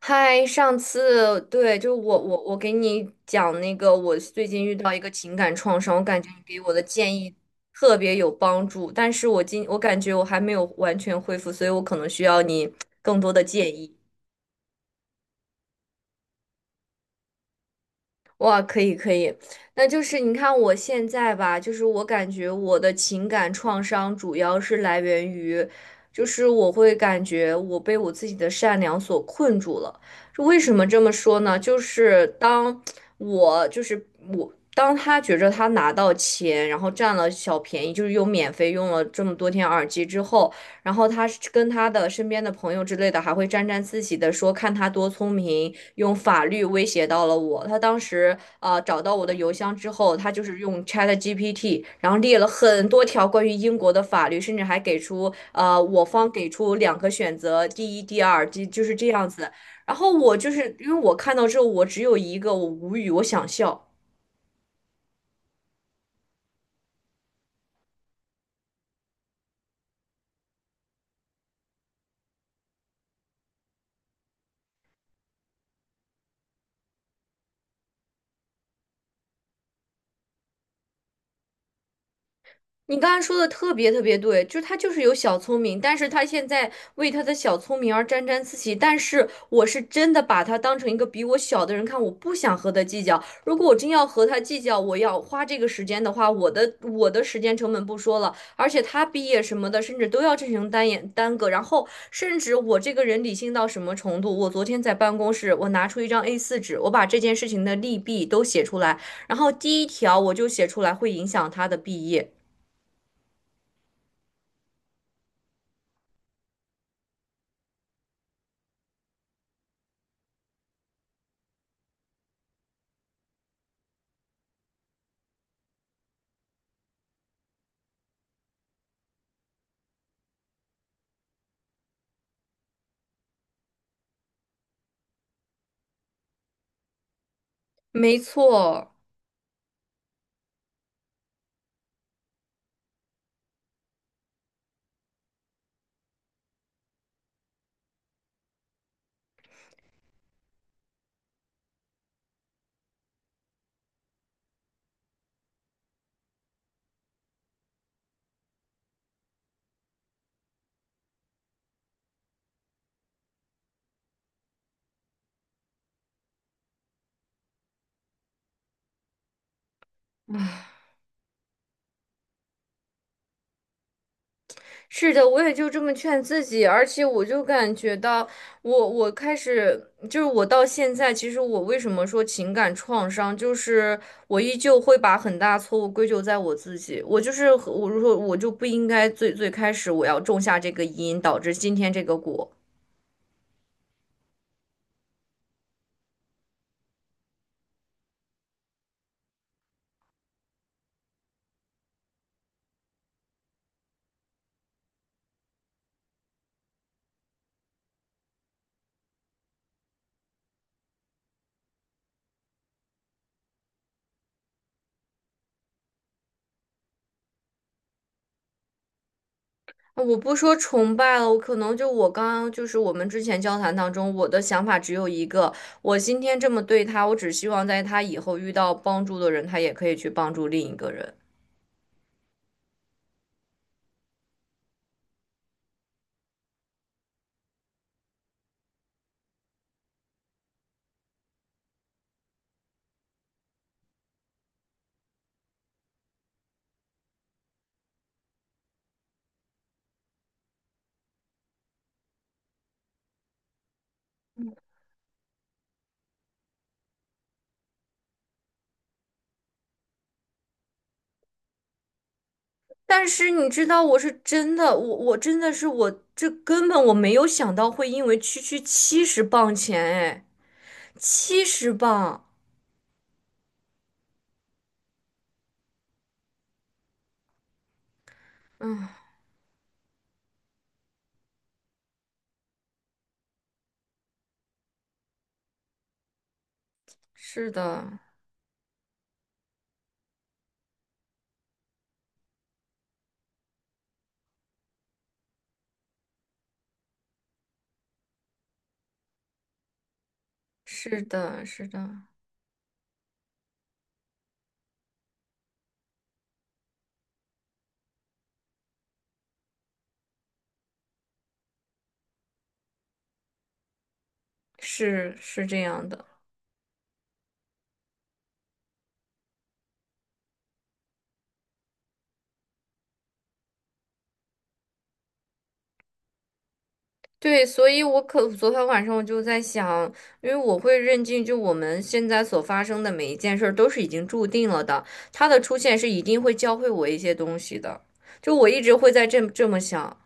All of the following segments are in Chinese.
嗨，上次对，就是我给你讲那个，我最近遇到一个情感创伤，我感觉你给我的建议特别有帮助，但是我感觉我还没有完全恢复，所以我可能需要你更多的建议。哇，可以可以，那就是你看我现在吧，就是我感觉我的情感创伤主要是来源于，就是我会感觉我被我自己的善良所困住了。这为什么这么说呢？就是我就是我，当他觉着他拿到钱，然后占了小便宜，就是又免费用了这么多天耳机之后。然后他是跟他的身边的朋友之类的还会沾沾自喜的说，看他多聪明，用法律威胁到了我。他当时找到我的邮箱之后，他就是用 ChatGPT，然后列了很多条关于英国的法律，甚至还给出我方给出两个选择，第一、第二，就是这样子。然后我就是因为我看到之后，我只有一个，我无语，我想笑。你刚才说的特别特别对，就是他就是有小聪明，但是他现在为他的小聪明而沾沾自喜。但是我是真的把他当成一个比我小的人看，我不想和他计较。如果我真要和他计较，我要花这个时间的话，我的时间成本不说了，而且他毕业什么的，甚至都要进行单眼耽搁。然后，甚至我这个人理性到什么程度？我昨天在办公室，我拿出一张 A4纸，我把这件事情的利弊都写出来，然后第一条我就写出来会影响他的毕业。没错，是的，我也就这么劝自己，而且我就感觉到我，我开始就是我到现在，其实我为什么说情感创伤，就是我依旧会把很大错误归咎在我自己，我如果我就不应该最最开始我要种下这个因，导致今天这个果。我不说崇拜了，我可能就我刚刚就是我们之前交谈当中，我的想法只有一个，我今天这么对他，我只希望在他以后遇到帮助的人，他也可以去帮助另一个人。但是你知道，我是真的，我真的是我根本没有想到会因为区区七十磅钱，哎，七十磅，嗯，是的，是的，是的，是是这样的。对，所以昨天晚上我就在想，因为我会认定，就我们现在所发生的每一件事儿都是已经注定了的，他的出现是一定会教会我一些东西的。就我一直会这么想，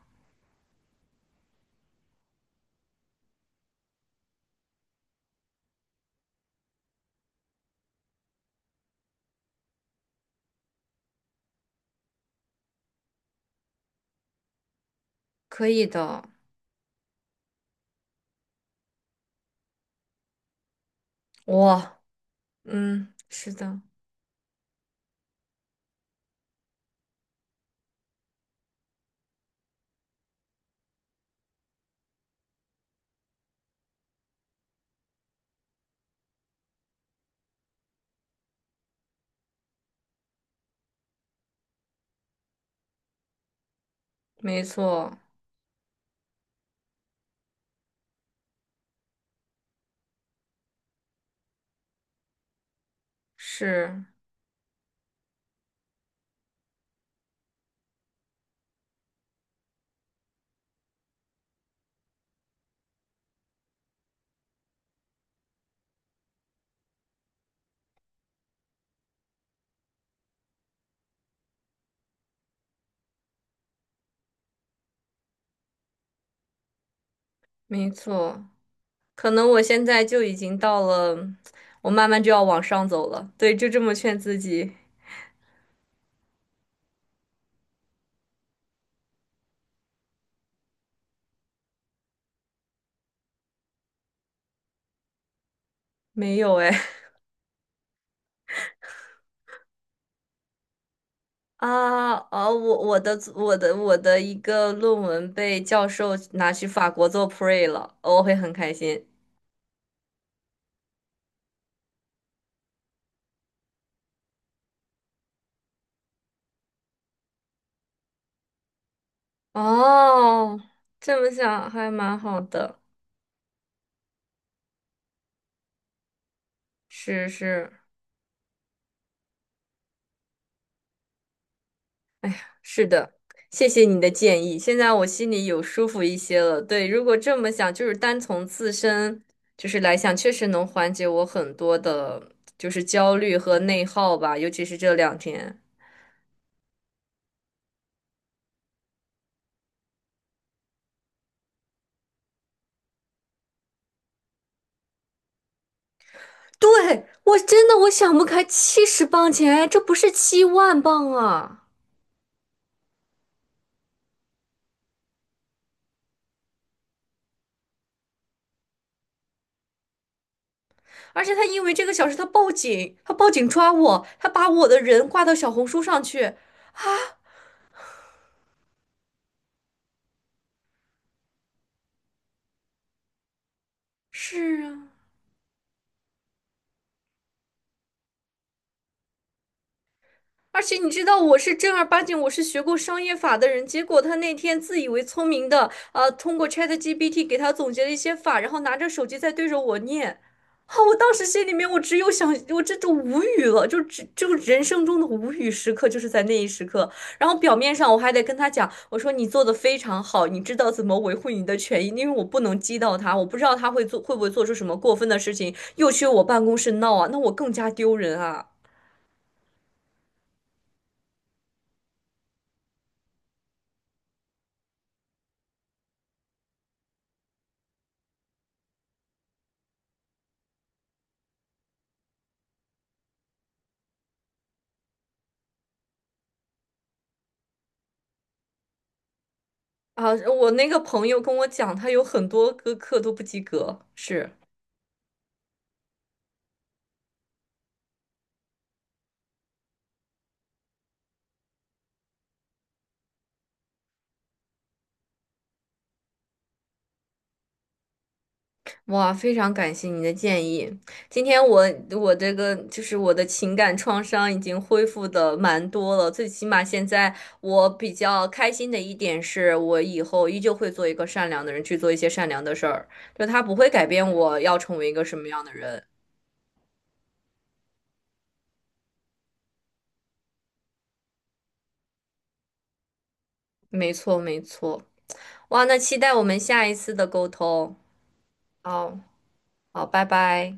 可以的，哇，嗯，是的，没错，是没错，可能我现在就已经到了，我慢慢就要往上走了。对，就这么劝自己，没有哎。啊，哦，我的一个论文被教授拿去法国做 pre 了，我会很开心。哦，这么想还蛮好的，是是是的，谢谢你的建议，现在我心里有舒服一些了。对，如果这么想，就是单从自身就是来想，确实能缓解我很多的，就是焦虑和内耗吧，尤其是这两天。对，我真的我想不开，七十磅钱，这不是7万磅啊！而且他因为这个小事，他报警，他报警抓我，他把我的人挂到小红书上去。是啊，而且你知道我是正儿八经，我是学过商业法的人。结果他那天自以为聪明的，通过 ChatGPT 给他总结了一些法，然后拿着手机在对着我念。啊，我当时心里面我只有想，我这就无语了，就人生中的无语时刻就是在那一时刻。然后表面上我还得跟他讲，我说你做的非常好，你知道怎么维护你的权益，因为我不能激到他，我不知道他会做会不会做出什么过分的事情，又去我办公室闹啊，那我更加丢人啊。啊，我那个朋友跟我讲，他有很多个课都不及格，是，哇，非常感谢您的建议。今天我我的情感创伤已经恢复的蛮多了，最起码现在我比较开心的一点是，我以后依旧会做一个善良的人，去做一些善良的事儿，就他不会改变我要成为一个什么样的人。没错，没错。哇，那期待我们下一次的沟通。好，好，拜拜。